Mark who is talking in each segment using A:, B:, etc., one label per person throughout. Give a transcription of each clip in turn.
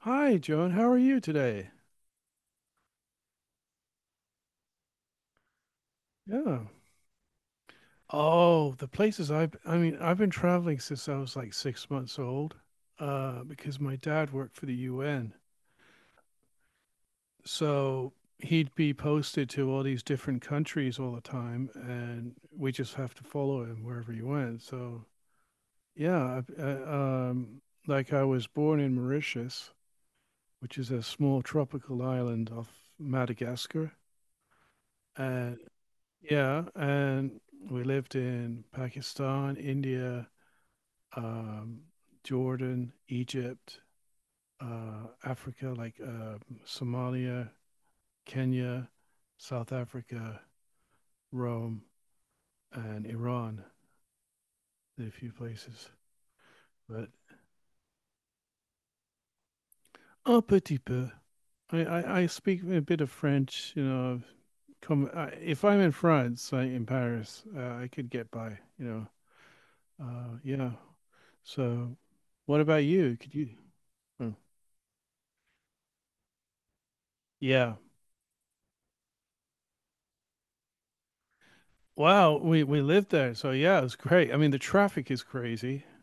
A: Hi, Joan. How are you today? Yeah. Oh, the places I mean, I've been traveling since I was like 6 months old, because my dad worked for the UN. So he'd be posted to all these different countries all the time, and we just have to follow him wherever he went. So yeah, like I was born in Mauritius, which is a small tropical island off Madagascar. And Yeah, and we lived in Pakistan, India, um, Jordan, Egypt, Africa, like Somalia, Kenya, South Africa, Rome, and Iran. Did a few places, but un petit peu. I speak a bit of French. You know, if I'm in France, in Paris, I could get by. You know, yeah. So, what about you? Could you? Hmm. Yeah. Wow. We lived there, so yeah, it was great. I mean, the traffic is crazy.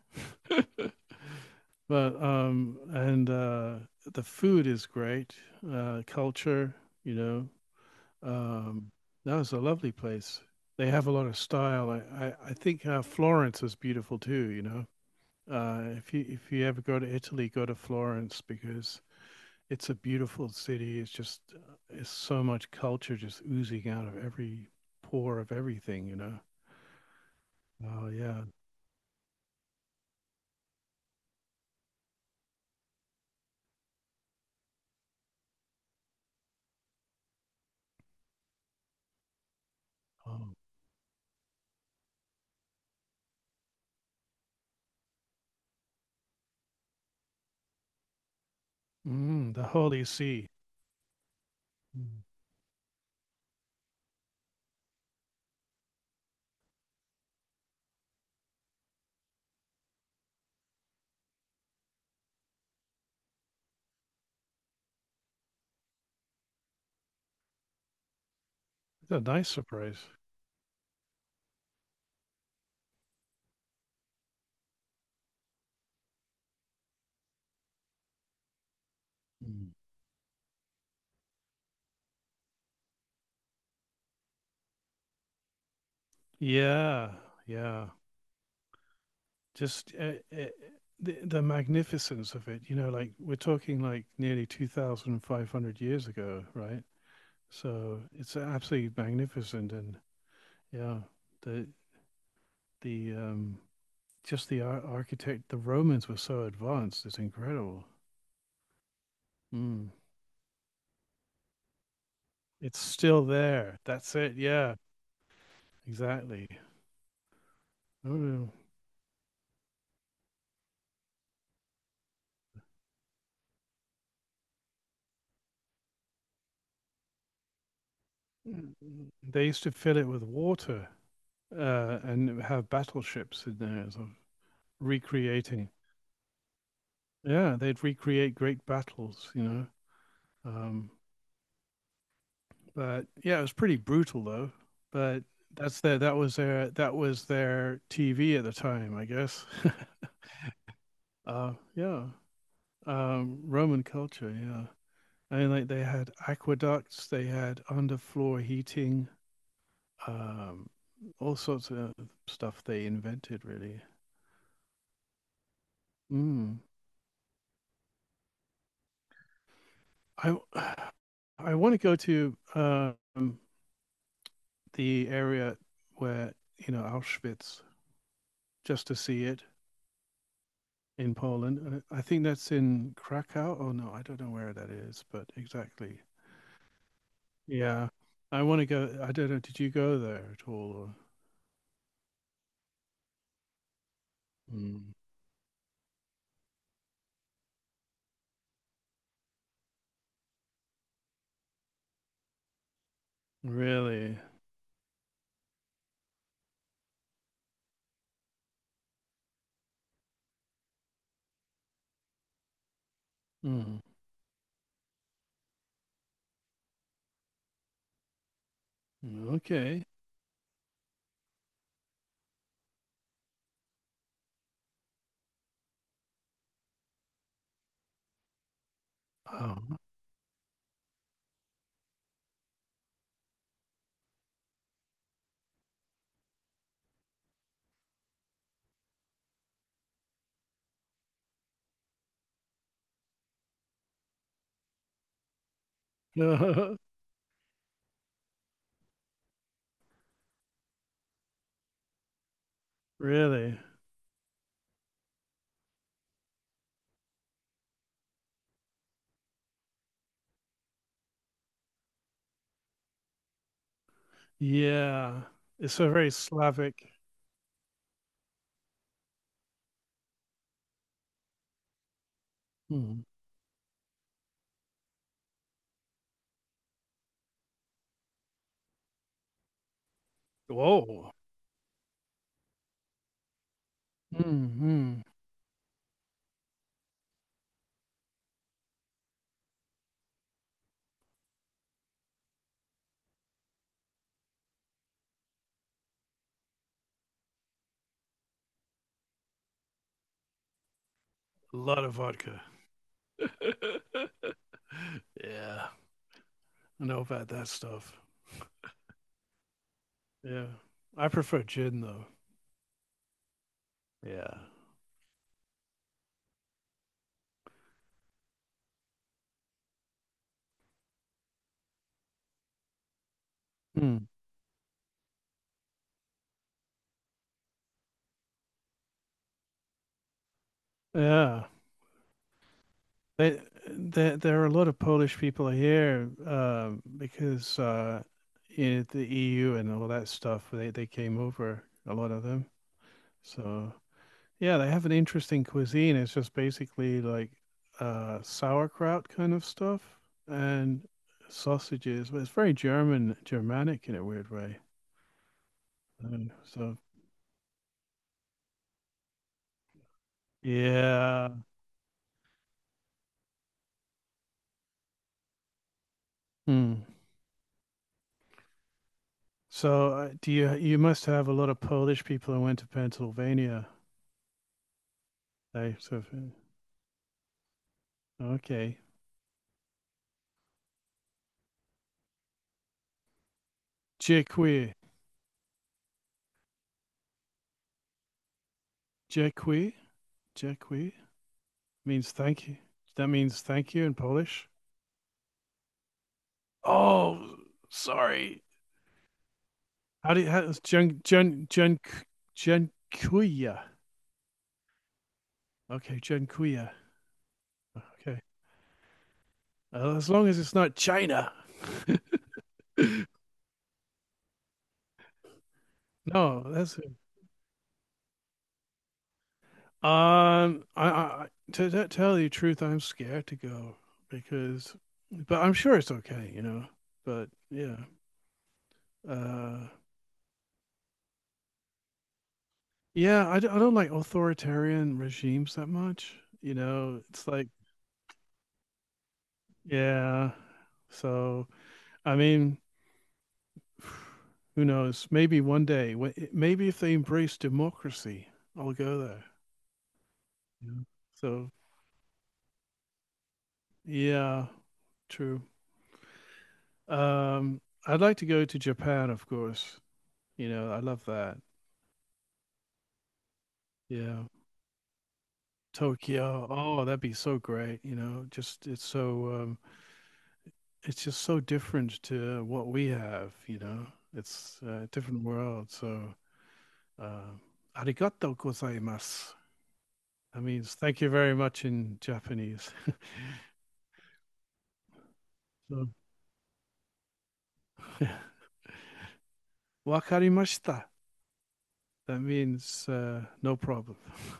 A: But and the food is great. Culture, you know, um, that was a lovely place. They have a lot of style. I think Florence is beautiful too. You know, if you ever go to Italy, go to Florence because it's a beautiful city. It's just it's so much culture just oozing out of every pore of everything, you know. Oh yeah. Oh. Mm, the Holy See. Mm. It's a nice surprise. Mm. Yeah, yeah. Just the magnificence of it. You know, like we're talking like nearly 2,500 years ago, right? So it's absolutely magnificent, and yeah, the the just the architect, the Romans were so advanced. It's incredible. Mm. It's still there. That's it. Yeah, exactly. Oh, yeah. They used to fill it with water and have battleships in there, sort of recreating. Yeah, they'd recreate great battles, you know. Um, but yeah, it was pretty brutal though. But that was their TV at the time, I guess. Yeah, Roman culture. Yeah. And like they had aqueducts, they had underfloor heating, um, all sorts of stuff they invented. Really, mm. I I want to go to the area where you know Auschwitz just to see it in Poland. I think that's in Krakow. Oh no, I don't know where that is, but exactly. Yeah, I want to go. I don't know. Did you go there at all? Or... Mm. Really? Mm. Okay. Um, Really? Yeah. It's a very Slavic. Hmm. Whoa. Hmm. A lot of vodka. Yeah. I know about that stuff. Yeah. I prefer gin though. Yeah. Hmm. Yeah. They, there, there are a lot of Polish people here because in the EU and all that stuff, they came over, a lot of them. So yeah, they have an interesting cuisine. It's just basically like sauerkraut kind of stuff and sausages, but it's very German, Germanic in a weird way. Uh, So yeah. Hmm. So do you must have a lot of Polish people who went to Pennsylvania. They sort of okay. Dziękuję. Dziękuję. Dziękuję means thank you. That means thank you in Polish. Oh, sorry. How is Jen Kuya? Okay, Jen Kuya. Okay. As long as it's not China. No, that's it. I To tell you the truth, I'm scared to go, because, but I'm sure it's okay, you know. But yeah, uh, yeah, I don't like authoritarian regimes that much, you know. It's like, yeah, so I mean, who knows? Maybe one day, maybe if they embrace democracy, I'll go there. Yeah. So, yeah, true. Um, I'd like to go to Japan, of course. You know, I love that. Yeah. Tokyo. Oh, that'd be so great. You know, just it's so it's just so different to what we have. You know, it's a different world. So, uh, arigato gozaimasu. That means thank you very much in Japanese. So, Wakarimashita. That means no problem.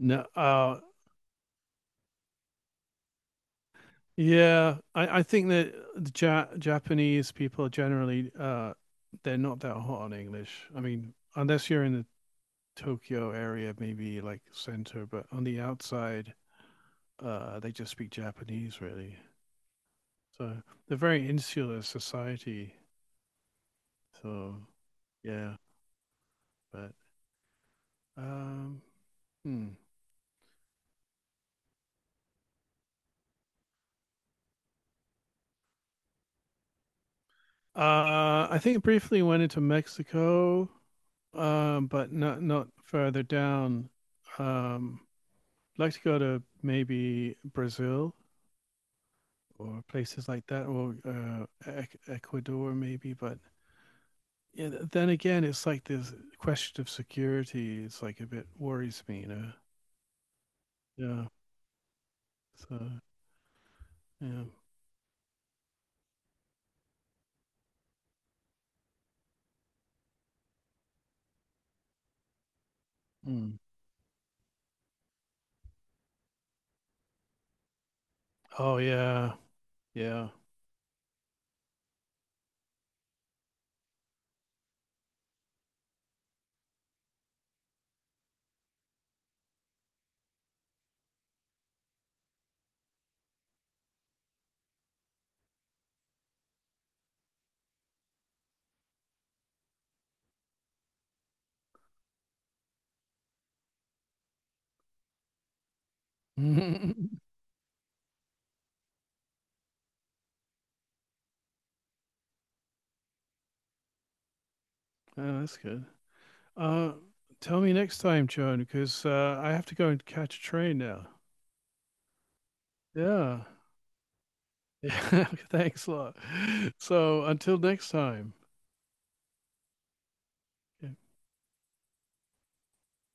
A: No, yeah, I think that the ja Japanese people generally they're not that hot on English. I mean, unless you're in the Tokyo area, maybe like center, but on the outside, they just speak Japanese really. So they're very insular society. So yeah, but um, hmm. I think it briefly went into Mexico, but not further down. Um, I'd like to go to maybe Brazil or places like that, or Ecuador maybe. But yeah, then again, it's like this question of security. It's like a bit worries me, you know. Yeah. So yeah. Mm. Oh yeah. Yeah. Oh, that's good. Uh, Tell me next time, Joan, because I have to go and catch a train now. Yeah. Yeah. Thanks a lot. So until next time. Yeah.